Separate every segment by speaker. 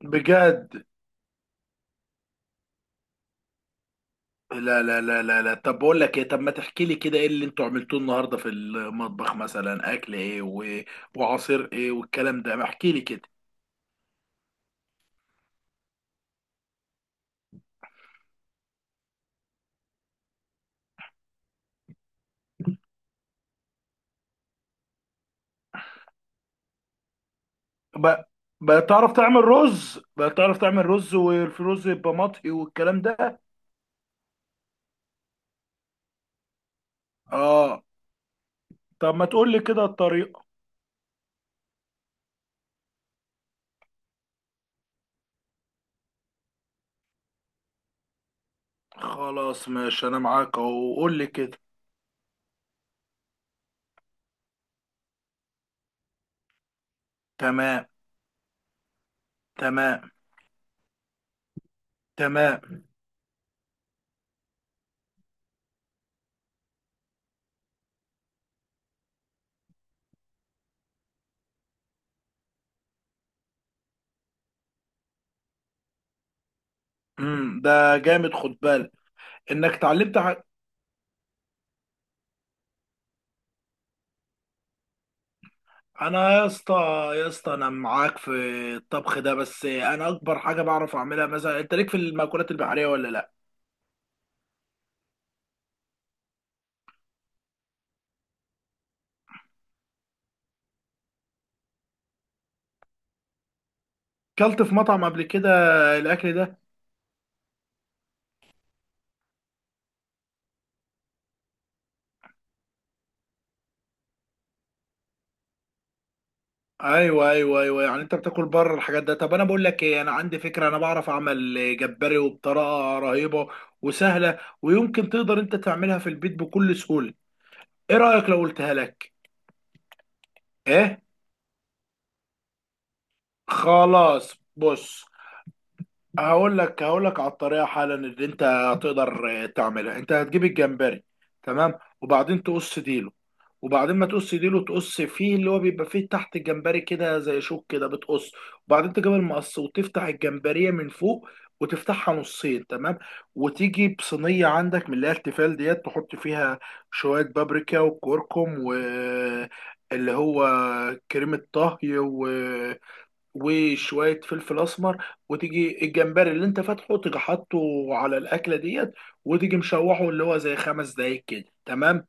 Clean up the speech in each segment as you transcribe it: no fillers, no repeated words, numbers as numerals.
Speaker 1: بجد. لا لا لا لا لا، طب بقول لك ايه؟ طب ما تحكي لي كده، ايه اللي انتوا عملتوه النهارده في المطبخ؟ مثلا اكل ايه وعصير ايه والكلام ده، ما احكي لي كده. بقى بقى تعرف تعمل رز؟ بقى تعرف تعمل رز والرز يبقى مطهي والكلام ده؟ اه، طب ما تقول لي كده الطريقه. خلاص ماشي، انا معاك اهو، قول لي كده. تمام. تمام. تمام. ده جامد، خد بالك انك اتعلمت. انا يا اسطى، يا اسطى انا معاك في الطبخ ده، بس انا اكبر حاجه بعرف اعملها. مثلا انت ليك في المأكولات البحريه ولا لا؟ كلت في مطعم قبل كده الاكل ده؟ ايوه ايوه ايوه، يعني انت بتاكل بره الحاجات ده. طب انا بقول لك ايه، انا عندي فكره، انا بعرف اعمل جمبري وبطريقه رهيبه وسهله، ويمكن تقدر انت تعملها في البيت بكل سهوله. ايه رايك لو قلتها لك؟ ايه. خلاص بص، هقول لك على الطريقه حالا اللي انت هتقدر تعملها. انت هتجيب الجمبري، تمام، وبعدين تقص ديله، وبعدين ما تقص ديله تقص فيه اللي هو بيبقى فيه تحت الجمبري كده زي شوك كده بتقص، وبعدين تجيب المقص وتفتح الجمبريه من فوق وتفتحها نصين، تمام. وتيجي بصينيه عندك من اللي هي التيفال ديت، تحط فيها شويه بابريكا وكركم و اللي هو كريمة طهي وشويه فلفل اسمر، وتيجي الجمبري اللي انت فاتحه تيجي حاطه على الاكله ديت، وتيجي مشوحه اللي هو زي 5 دقايق كده، تمام.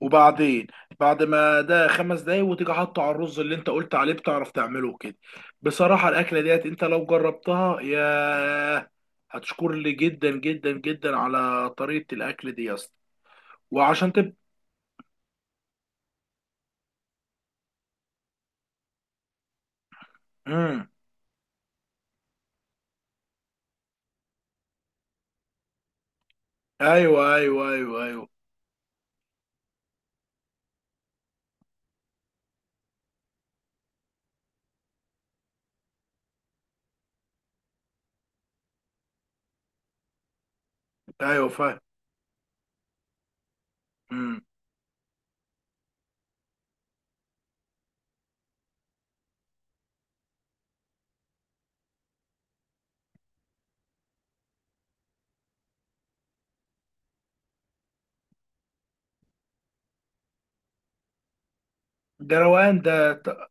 Speaker 1: وبعدين بعد ما ده 5 دقايق وتيجي حاطه على الرز اللي انت قلت عليه بتعرف تعمله كده. بصراحه الاكله ديت انت لو جربتها يا، هتشكر لي جدا جدا جدا على طريقه الاكل دي يا اسطى. وعشان تب امم ايوه ايوه ايوه ايوه ايوه، فاهم. امم ده روقان ده. ط-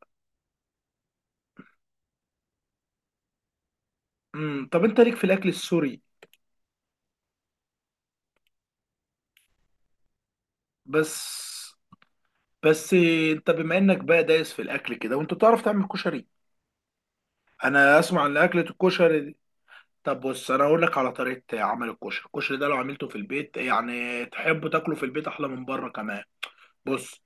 Speaker 1: طب انت ليك في الاكل السوري؟ بس بس انت بما انك بقى دايس في الاكل كده، وانت تعرف تعمل كشري؟ انا اسمع ان اكله الكشري دي، طب بص انا اقول لك على طريقه عمل الكشري. الكشري ده لو عملته في البيت يعني تحبه تاكله في البيت احلى من بره كمان. بص.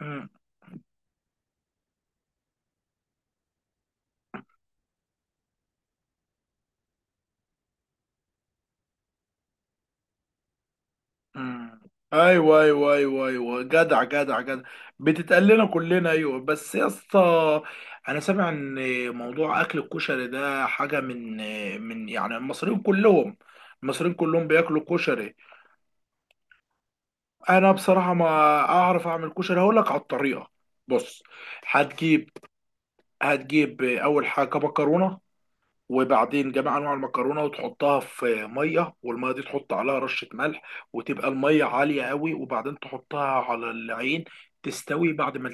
Speaker 1: امم مم. ايوه ايوه ايوه ايوه، جدع جدع جدع، بتتقال لنا كلنا. ايوه بس يا اسطى، انا سامع ان موضوع اكل الكشري ده حاجه من يعني المصريين كلهم. المصريين كلهم بياكلوا كشري. انا بصراحه ما اعرف اعمل كشري، هقول لك على الطريقه. بص، هتجيب هتجيب اول حاجه مكرونه، وبعدين جميع انواع المكرونه، وتحطها في ميه، والميه دي تحط عليها رشه ملح، وتبقى الميه عاليه قوي، وبعدين تحطها على العين تستوي. بعد ما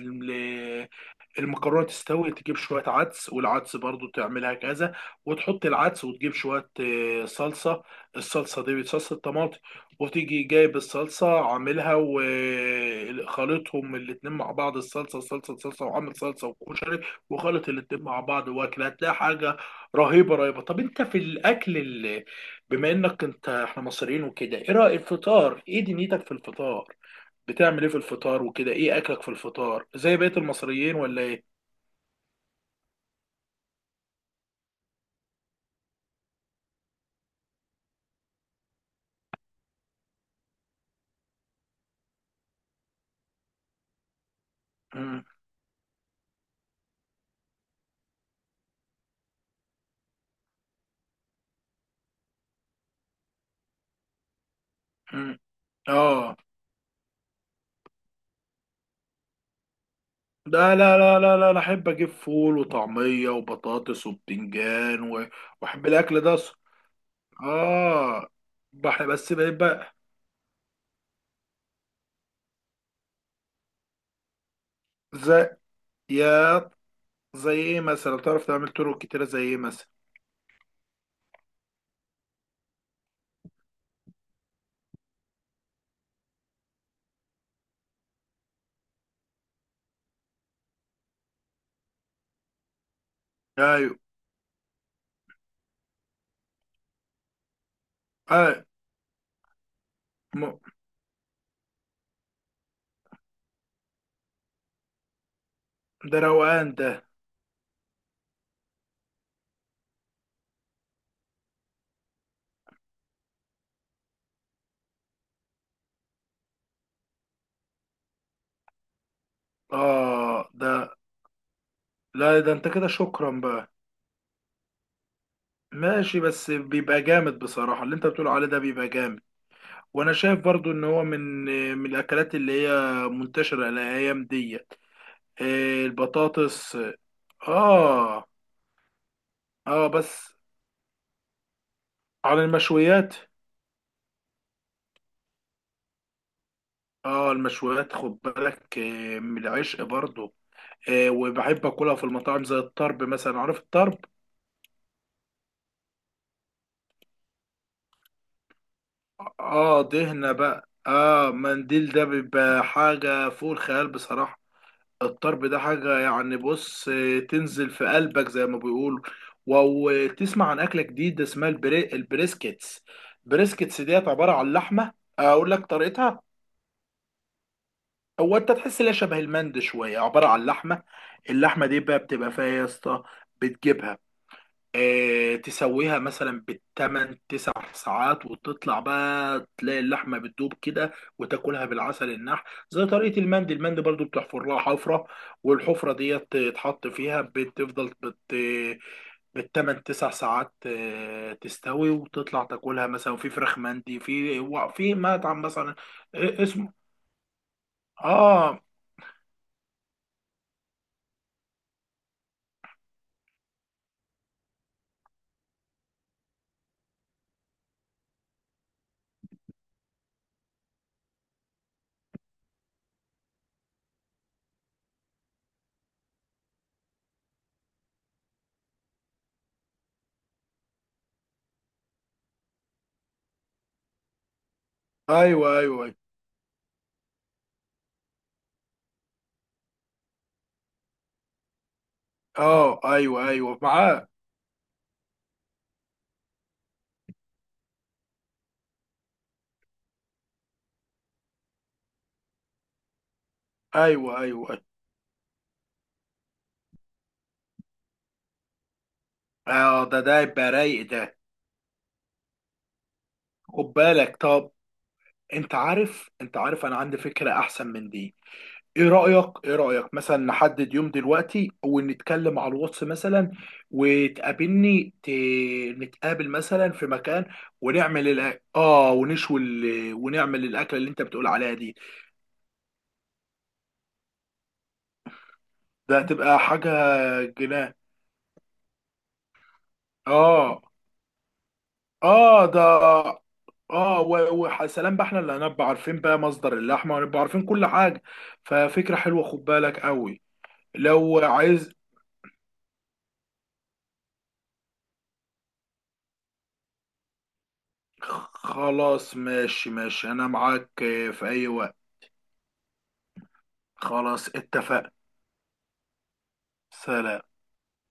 Speaker 1: المكرونه تستوي تجيب شويه عدس، والعدس برضو تعملها كذا، وتحط العدس، وتجيب شويه صلصه. الصلصه دي صلصه طماطم، وتيجي جايب الصلصه عاملها وخلطهم الاتنين مع بعض. الصلصه صلصه صلصه وعامل صلصه وكشري، وخلط الاتنين مع بعض واكل، هتلاقي حاجه رهيبه رهيبه. طب انت في الاكل اللي، بما انك انت احنا مصريين وكده، ايه رايك الفطار؟ ايه دنيتك في الفطار؟ بتعمل ايه في الفطار وكده؟ ايه اكلك في الفطار زي بقية المصريين ولا ايه؟ مم. مم. اه، لا لا لا لا لا، أنا احب اجيب فول وطعميه وبطاطس وبتنجان واحب الاكل ده أصلاً. اه. بس بيبقى زي، يا زي ايه مثلا؟ تعرف تعمل طرق كتيره زي ايه مثلا؟ ايوه ايوه. م- ده روقان ده. اه ده، لا ده انت كده شكرا بقى. ماشي، بس بيبقى جامد بصراحه اللي انت بتقول عليه ده، بيبقى جامد. وانا شايف برضو ان هو من الاكلات اللي هي منتشره الايام دي. إيه؟ البطاطس؟ اه. اه بس على المشويات. اه المشويات، خد بالك إيه، من العشق برضو. إيه، وبحب اكلها في المطاعم زي الطرب مثلا، عارف الطرب؟ اه دهنة بقى، اه منديل ده بيبقى حاجة فوق الخيال بصراحة. الطرب ده حاجة، يعني بص إيه، تنزل في قلبك زي ما بيقولوا. و- وتسمع عن أكلة جديدة اسمها البريسكيتس. بريسكيتس ديت عبارة عن لحمة، أقول لك طريقتها. هو انت تحس ان هي شبه المند شويه، عباره عن لحمه. اللحمه دي بقى بتبقى فيها يا اسطى، بتجيبها، اه تسويها مثلا بالتمن 9 ساعات، وتطلع بقى تلاقي اللحمه بتدوب كده، وتاكلها بالعسل النحل زي طريقه المند. المند برضو بتحفر لها حفره، والحفره ديت تتحط فيها، بتفضل بالتمن 9 ساعات، تستوي، وتطلع تاكلها مثلا في فراخ مندي، في مطعم مثلا. اسمه، اه، ايوه ايوه. اه ايوه ايوه معاه. ايوه ايوه أيوة. اه ده يبقى رايق ده. خد بالك طب، انت عارف انا عندي فكره احسن من دي. ايه رايك مثلا نحدد يوم دلوقتي، ونتكلم على الواتس مثلا، وتقابلني ت... نتقابل مثلا في مكان، ونعمل الأ... اه ونشوي ونعمل الاكله اللي انت بتقول عليها دي. ده هتبقى حاجه جنان. اه. اه ده. اه وسلام بقى، احنا اللي هنبقى عارفين بقى مصدر اللحمه، ونبقى عارفين كل حاجه. ففكره حلوه، خد بالك قوي. لو عايز. خلاص ماشي ماشي، انا معاك في اي وقت. خلاص اتفقنا. سلام.